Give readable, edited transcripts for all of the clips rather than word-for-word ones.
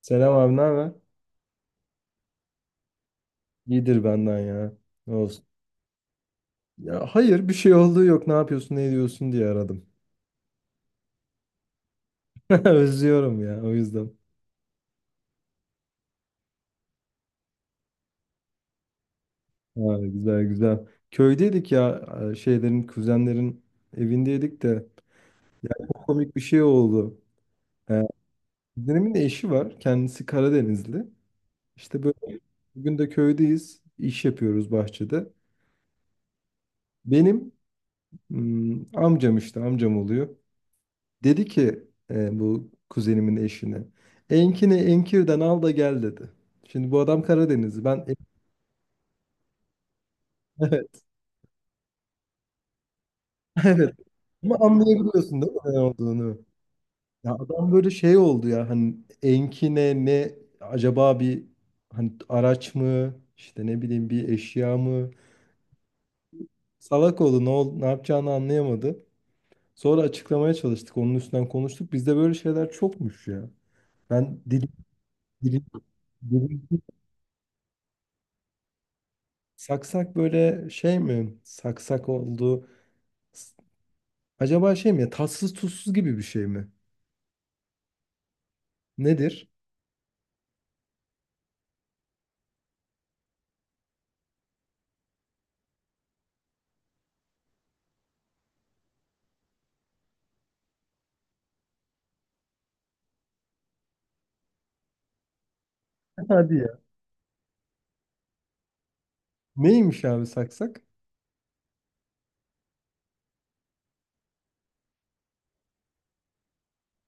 Selam abi, ne haber? İyidir benden ya. Ne olsun? Ya hayır bir şey olduğu yok. Ne yapıyorsun, ne ediyorsun diye aradım. Özlüyorum ya o yüzden. Ha, güzel güzel. Köydeydik ya şeylerin, kuzenlerin evindeydik de komik bir şey oldu. E, Kuzenimin de eşi var. Kendisi Karadenizli. İşte böyle bugün de köydeyiz. İş yapıyoruz bahçede. Benim amcam işte amcam oluyor. Dedi ki bu kuzenimin eşine. Enkini Enkir'den al da gel dedi. Şimdi bu adam Karadenizli. Ben evet. Evet. Ama anlayabiliyorsun değil mi ne olduğunu? Ya adam böyle şey oldu ya hani enkine ne, acaba bir, hani araç mı işte ne bileyim bir eşya mı? Salak oldu ne yapacağını anlayamadı. Sonra açıklamaya çalıştık onun üstünden konuştuk. Bizde böyle şeyler çokmuş ya. Ben dilim, dilim, dilim. Saksak böyle şey mi? Saksak oldu. S- Acaba şey mi ya, tatsız tuzsuz gibi bir şey mi? Nedir? Hadi ya. Neymiş abi saksak?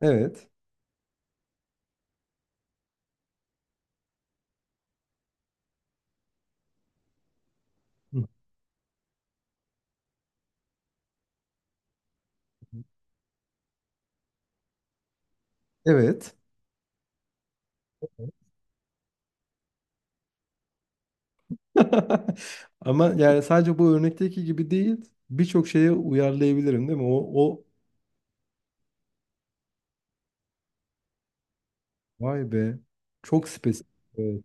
Evet. Hı. Evet. Ama yani sadece bu örnekteki gibi değil. Birçok şeye uyarlayabilirim değil mi? O vay be. Çok spesifik. Evet.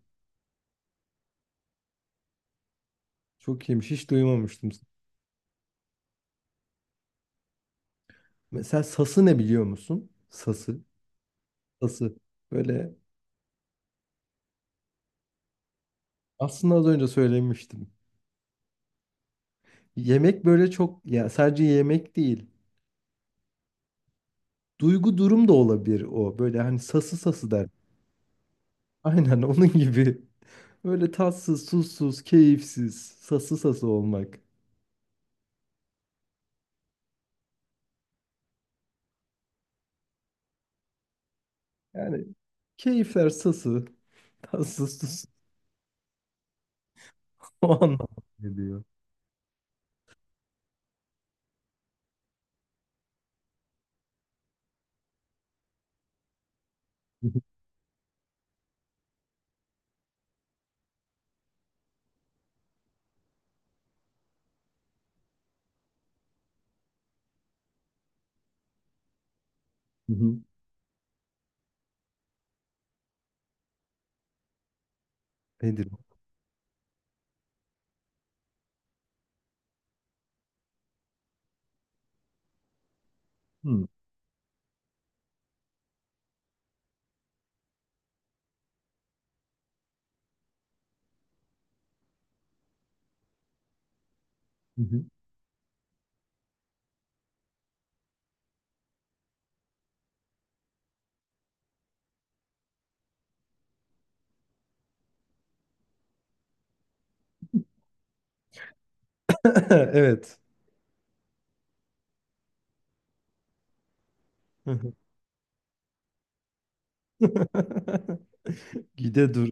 Çok iyiymiş. Hiç duymamıştım. Mesela sası ne biliyor musun? Sası. Sası. Böyle aslında az önce söylemiştim. Yemek böyle çok ya, sadece yemek değil. Duygu durum da olabilir o. Böyle hani sası sası der. Aynen onun gibi. Böyle tatsız, tuzsuz, keyifsiz, sası sası olmak. Yani keyifler sası, tatsız, tuzsuz. O anlamda geliyor. Hı hı. Nedir o? Hı. Hı hı. Evet. Hı hı. Gide dur.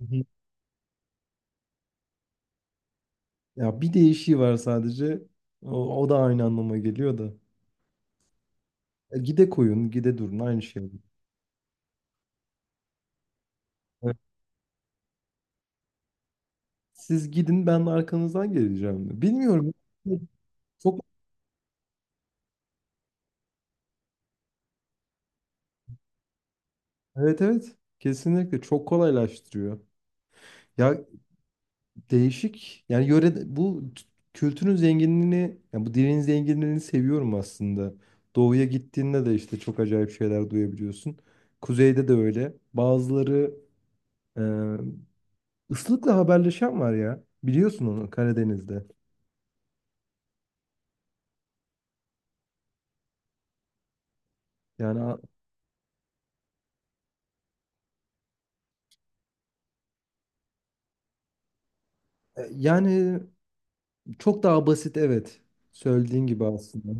Hı hı. Ya bir değişiği var sadece. O da aynı anlama geliyor da. E, gide koyun, gide durun aynı şey. Siz gidin ben arkanızdan geleceğim. Bilmiyorum. Çok evet. Kesinlikle çok kolaylaştırıyor. Ya değişik. Yani yöre bu kültürün zenginliğini, yani bu dilin zenginliğini seviyorum aslında. Doğuya gittiğinde de işte çok acayip şeyler duyabiliyorsun. Kuzeyde de öyle. Bazıları e, ıslıkla haberleşen var ya. Biliyorsun onu Karadeniz'de. Yani a- yani çok daha basit evet. Söylediğin gibi aslında.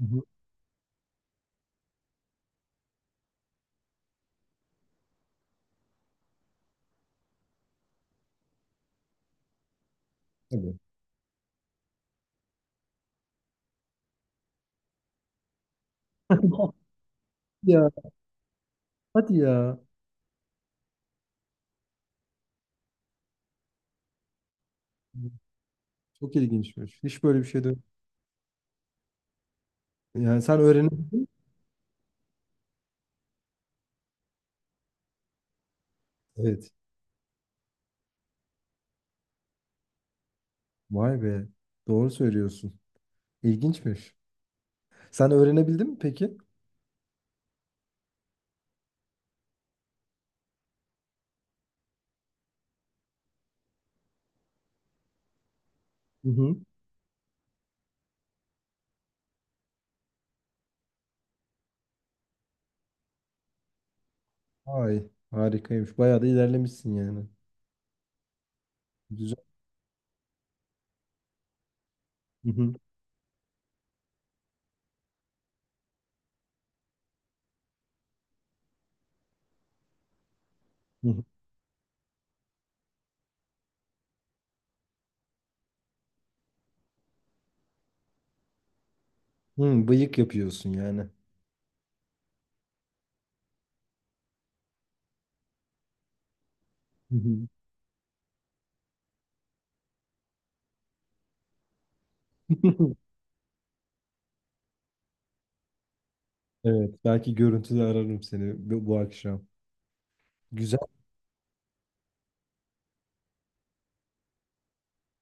Hı hı. Ya hadi ya. Çok ilginçmiş. Hiç böyle bir şey de yani sen öğrenebildin. Evet. Vay be. Doğru söylüyorsun. İlginçmiş. Sen öğrenebildin mi peki? Hı hı. Ay harikaymış. Bayağı da ilerlemişsin yani. Güzel. Hı hı. Hı hı. Hı, bıyık yapıyorsun yani. Hı hı. Evet. Belki görüntülü ararım seni bu akşam. Güzel.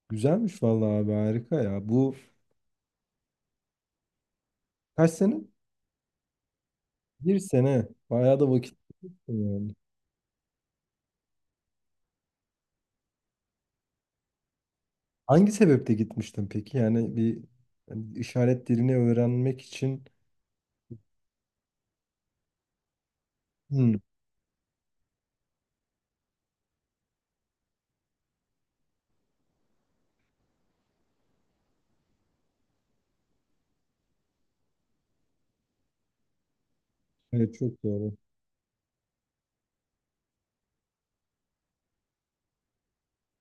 Güzelmiş vallahi abi, harika ya. Bu kaç sene? Bir sene. Bayağı da vakit. Hangi sebeple gitmiştin peki? Yani bir, hani işaret dilini öğrenmek için. Hmm, evet çok doğru.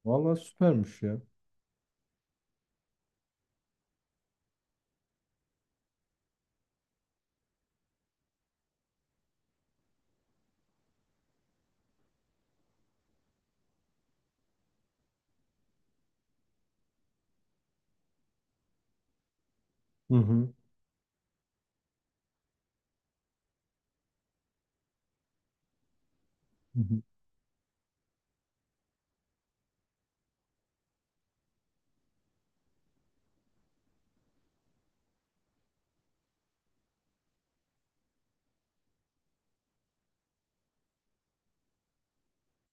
Vallahi süpermiş ya. Hı hı. Hı hı.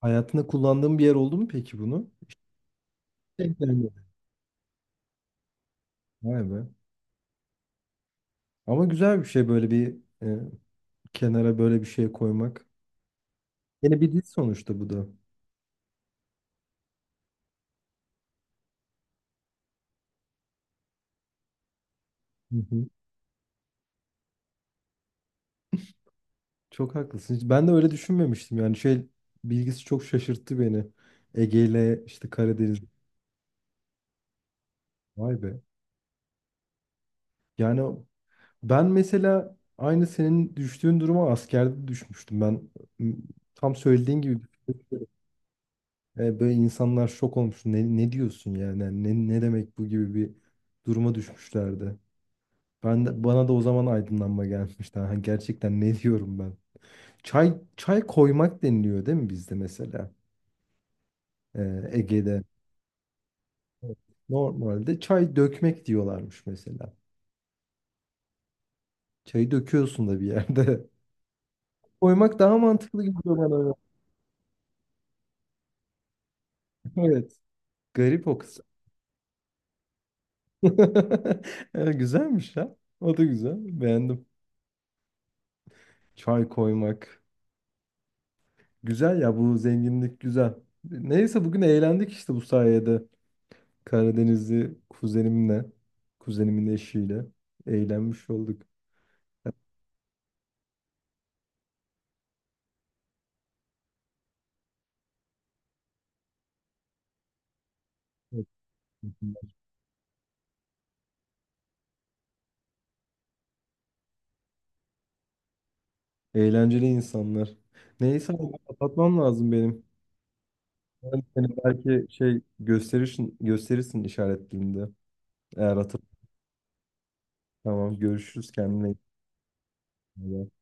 Hayatında kullandığın bir yer oldu mu peki bunu? Denk gelmedi. Vay be. Ama güzel bir şey, böyle bir, e, kenara böyle bir şey koymak. Yine bir dil sonuçta bu da. Hı hı. Çok haklısın. Hiç- ben de öyle düşünmemiştim. Yani şey bilgisi çok şaşırttı beni. Ege ile işte Karadeniz. Vay be. Yani, ben mesela aynı senin düştüğün duruma askerde düşmüştüm. Ben m, tam söylediğin gibi böyle insanlar şok olmuş. Ne, ne diyorsun yani? Yani ne, ne demek bu gibi bir duruma düşmüşlerdi. Bana da o zaman aydınlanma gelmişti. Ha, gerçekten ne diyorum ben? Çay koymak deniliyor değil mi bizde mesela? E, Ege'de. Evet. Normalde çay dökmek diyorlarmış mesela. Çayı döküyorsun da bir yerde. Koymak daha mantıklı gibi geliyor bana. Evet. Garip o kısım. Evet, güzelmiş ya. O da güzel. Beğendim. Çay koymak. Güzel ya, bu zenginlik güzel. Neyse bugün eğlendik işte bu sayede. Karadenizli kuzenimle, kuzenimin eşiyle eğlenmiş olduk. Evet. Eğlenceli insanlar. Neyse abi, kapatmam lazım benim. Ben seni belki şey, gösterirsin işaretliğinde. Eğer hatırlamam. Tamam, görüşürüz, kendine iyi bak.